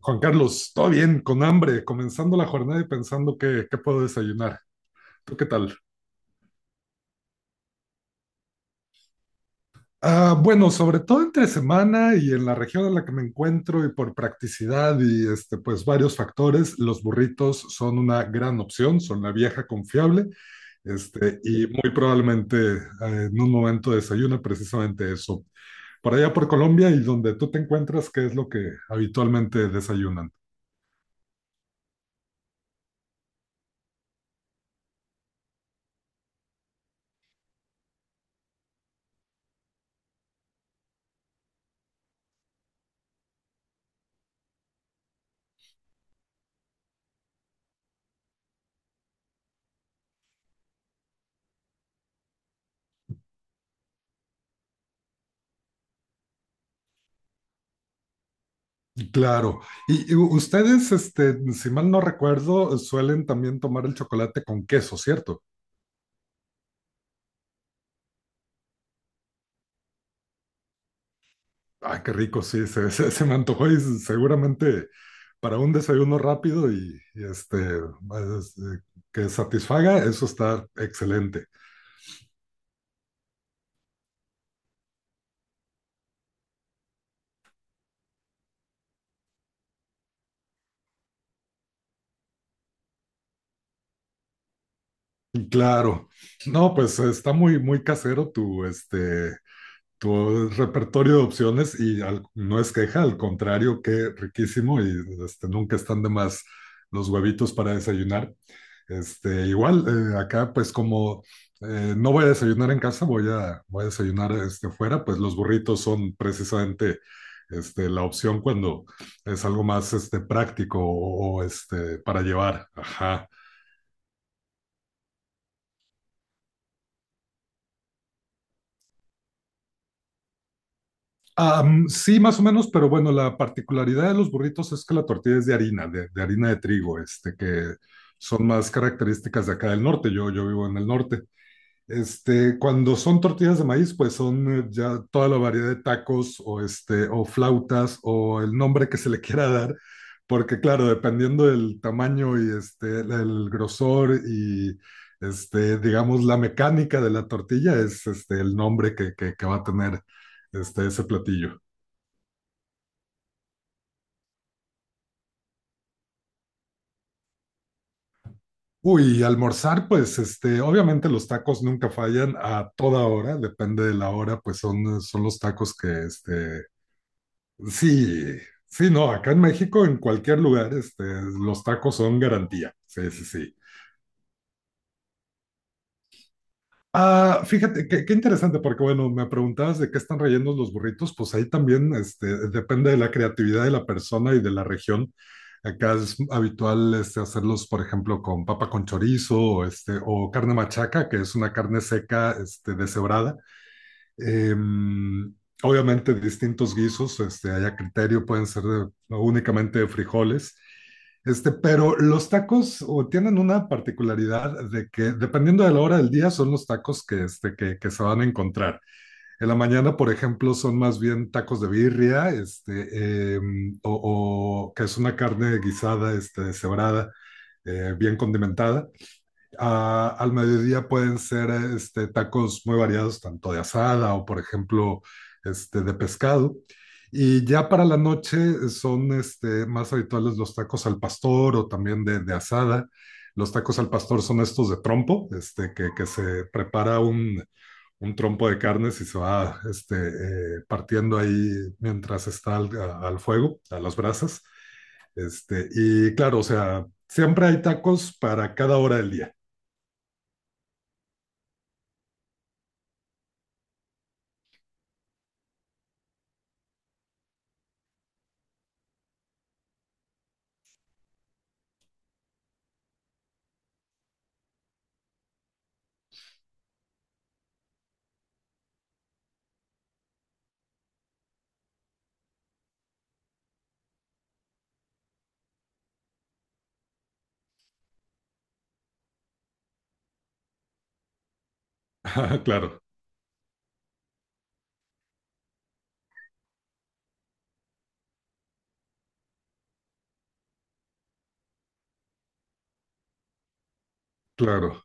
Juan Carlos, todo bien, con hambre, comenzando la jornada y pensando qué puedo desayunar. ¿Tú qué tal? Ah, bueno, sobre todo entre semana y en la región en la que me encuentro y por practicidad y pues varios factores, los burritos son una gran opción, son la vieja confiable. Y muy probablemente en un momento desayuna precisamente eso. Por allá por Colombia y donde tú te encuentras, ¿qué es lo que habitualmente desayunan? Claro. Y ustedes, si mal no recuerdo, suelen también tomar el chocolate con queso, ¿cierto? Ah, qué rico, sí, se, se me antojó y seguramente para un desayuno rápido y que satisfaga, eso está excelente. Y claro. No, pues está muy casero tu tu repertorio de opciones y no es queja, al contrario, qué riquísimo y nunca están de más los huevitos para desayunar. Acá pues como no voy a desayunar en casa, voy a desayunar fuera, pues los burritos son precisamente la opción cuando es algo más práctico o para llevar. Ajá. Sí, más o menos, pero bueno, la particularidad de los burritos es que la tortilla es de harina, de harina de trigo, que son más características de acá del norte. Yo vivo en el norte. Cuando son tortillas de maíz, pues son ya toda la variedad de tacos o o flautas o el nombre que se le quiera dar, porque claro, dependiendo del tamaño y el grosor y digamos la mecánica de la tortilla es el nombre que va a tener ese platillo. Uy, y almorzar, pues obviamente los tacos nunca fallan a toda hora, depende de la hora, pues son los tacos que, este. Sí, sí, no, acá en México, en cualquier lugar, los tacos son garantía. Sí, sí, sí. Ah, fíjate, qué interesante, porque bueno, me preguntabas de qué están rellenos los burritos, pues ahí también depende de la creatividad de la persona y de la región. Acá es habitual hacerlos, por ejemplo, con papa con chorizo o o carne machaca, que es una carne seca deshebrada. Eh, obviamente distintos guisos, hay a criterio, pueden ser no, únicamente de frijoles. Pero los tacos o, tienen una particularidad de que dependiendo de la hora del día son los tacos que, que se van a encontrar. En la mañana, por ejemplo, son más bien tacos de birria, o que es una carne guisada, deshebrada, bien condimentada al mediodía pueden ser tacos muy variados, tanto de asada o, por ejemplo, de pescado. Y ya para la noche son más habituales los tacos al pastor o también de asada. Los tacos al pastor son estos de trompo, que se prepara un trompo de carnes y se va partiendo ahí mientras está al fuego, a las brasas. Y claro, o sea, siempre hay tacos para cada hora del día. Ajá, claro, claro.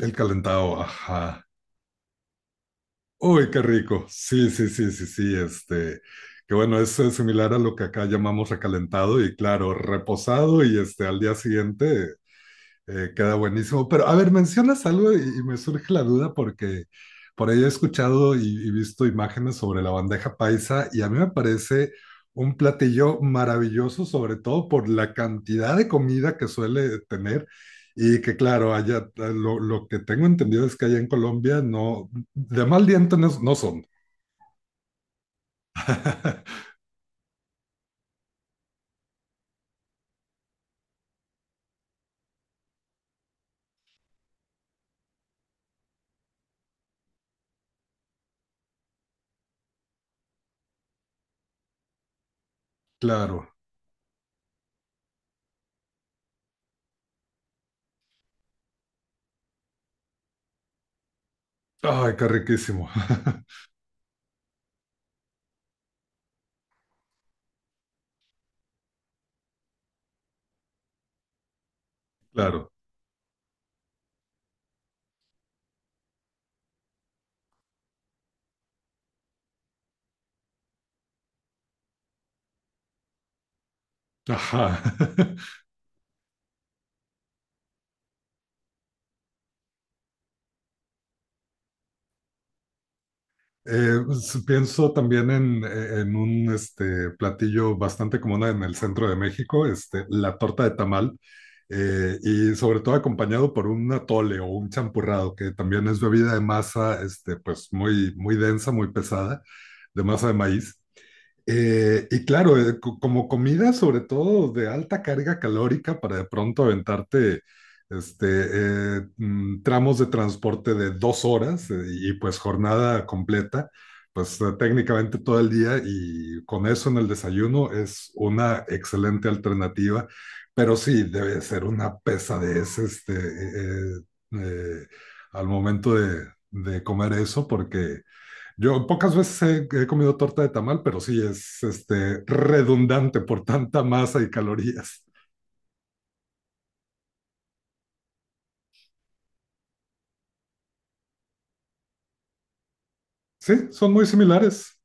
El calentado, ajá. Uy, qué rico. Sí, sí, sí, sí, sí. Que bueno, es similar a lo que acá llamamos recalentado y claro, reposado y al día siguiente. Queda buenísimo. Pero a ver, mencionas algo y me surge la duda porque por ahí he escuchado y visto imágenes sobre la bandeja paisa y a mí me parece un platillo maravilloso, sobre todo por la cantidad de comida que suele tener. Y que claro, lo que tengo entendido es que allá en Colombia no, de mal diente no son. Claro. Ay, qué riquísimo. Claro. Ajá. Pienso también en un platillo bastante común en el centro de México, la torta de tamal, y sobre todo acompañado por un atole o un champurrado, que también es bebida de masa, pues muy densa, muy pesada, de masa de maíz. Y claro, como comida sobre todo de alta carga calórica para de pronto aventarte este, tramos de transporte de dos horas y pues jornada completa, pues técnicamente todo el día y con eso en el desayuno es una excelente alternativa, pero sí debe ser una pesadez eh, eh, al momento de comer eso porque yo pocas veces he comido torta de tamal, pero sí es redundante por tanta masa y calorías. Sí, son muy similares.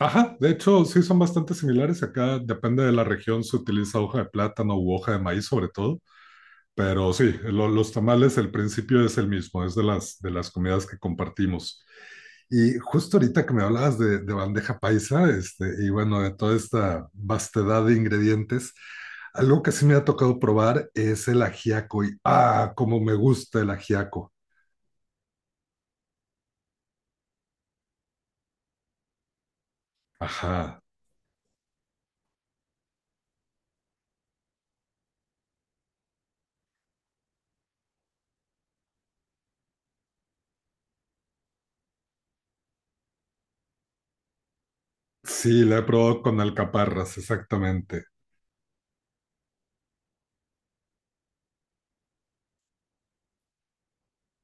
Ajá, de hecho, sí son bastante similares. Acá depende de la región, se utiliza hoja de plátano u hoja de maíz sobre todo, pero sí, los tamales, el principio es el mismo, es de las comidas que compartimos. Y justo ahorita que me hablabas de bandeja paisa, y bueno, de toda esta vastedad de ingredientes, algo que sí me ha tocado probar es el ajiaco. Y ah, como me gusta el ajiaco. Ajá. Sí, la he probado con alcaparras, exactamente.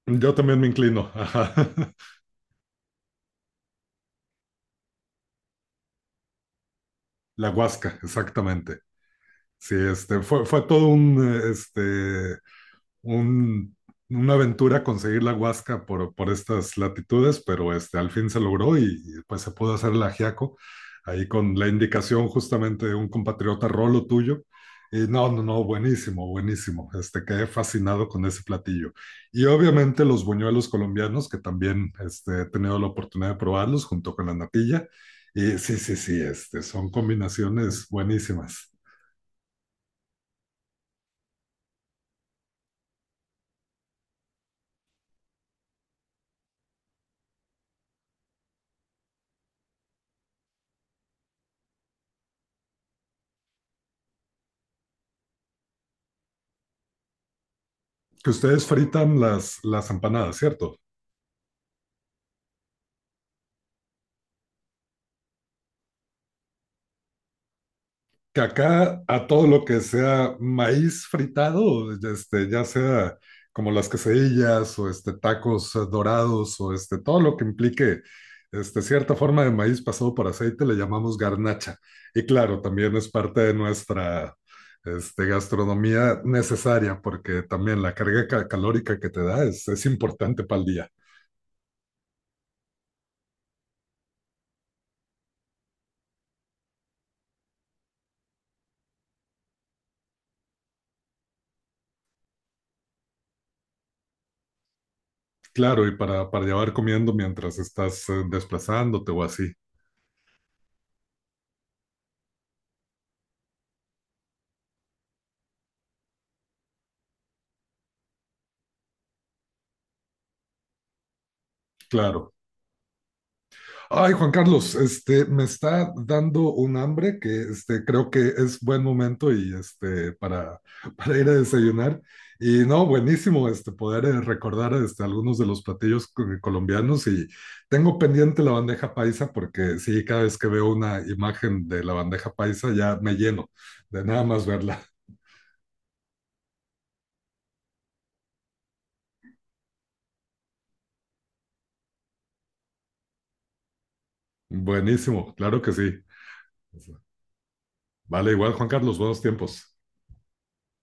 Yo también me inclino. Ajá. La huasca, exactamente. Sí, fue todo un una aventura conseguir la Huasca por estas latitudes, pero al fin se logró y pues se pudo hacer el ajiaco ahí con la indicación justamente de un compatriota Rolo tuyo. Y no, no, no, buenísimo, buenísimo. Quedé fascinado con ese platillo. Y obviamente los buñuelos colombianos, que también he tenido la oportunidad de probarlos junto con la natilla. Y sí, sí, sí, son combinaciones buenísimas. Que ustedes fritan las empanadas, ¿cierto? Que acá a todo lo que sea maíz fritado, ya sea como las quesadillas o tacos dorados o todo lo que implique cierta forma de maíz pasado por aceite, le llamamos garnacha. Y claro, también es parte de nuestra gastronomía necesaria porque también la carga calórica que te da es importante para el día. Claro, y para llevar comiendo mientras estás desplazándote o así. Claro. Ay, Juan Carlos, me está dando un hambre que creo que es buen momento y para ir a desayunar. Y no, buenísimo poder recordar algunos de los platillos colombianos y tengo pendiente la bandeja paisa porque sí, cada vez que veo una imagen de la bandeja paisa ya me lleno de nada más verla. Buenísimo, claro que sí. Vale, igual Juan Carlos, buenos tiempos.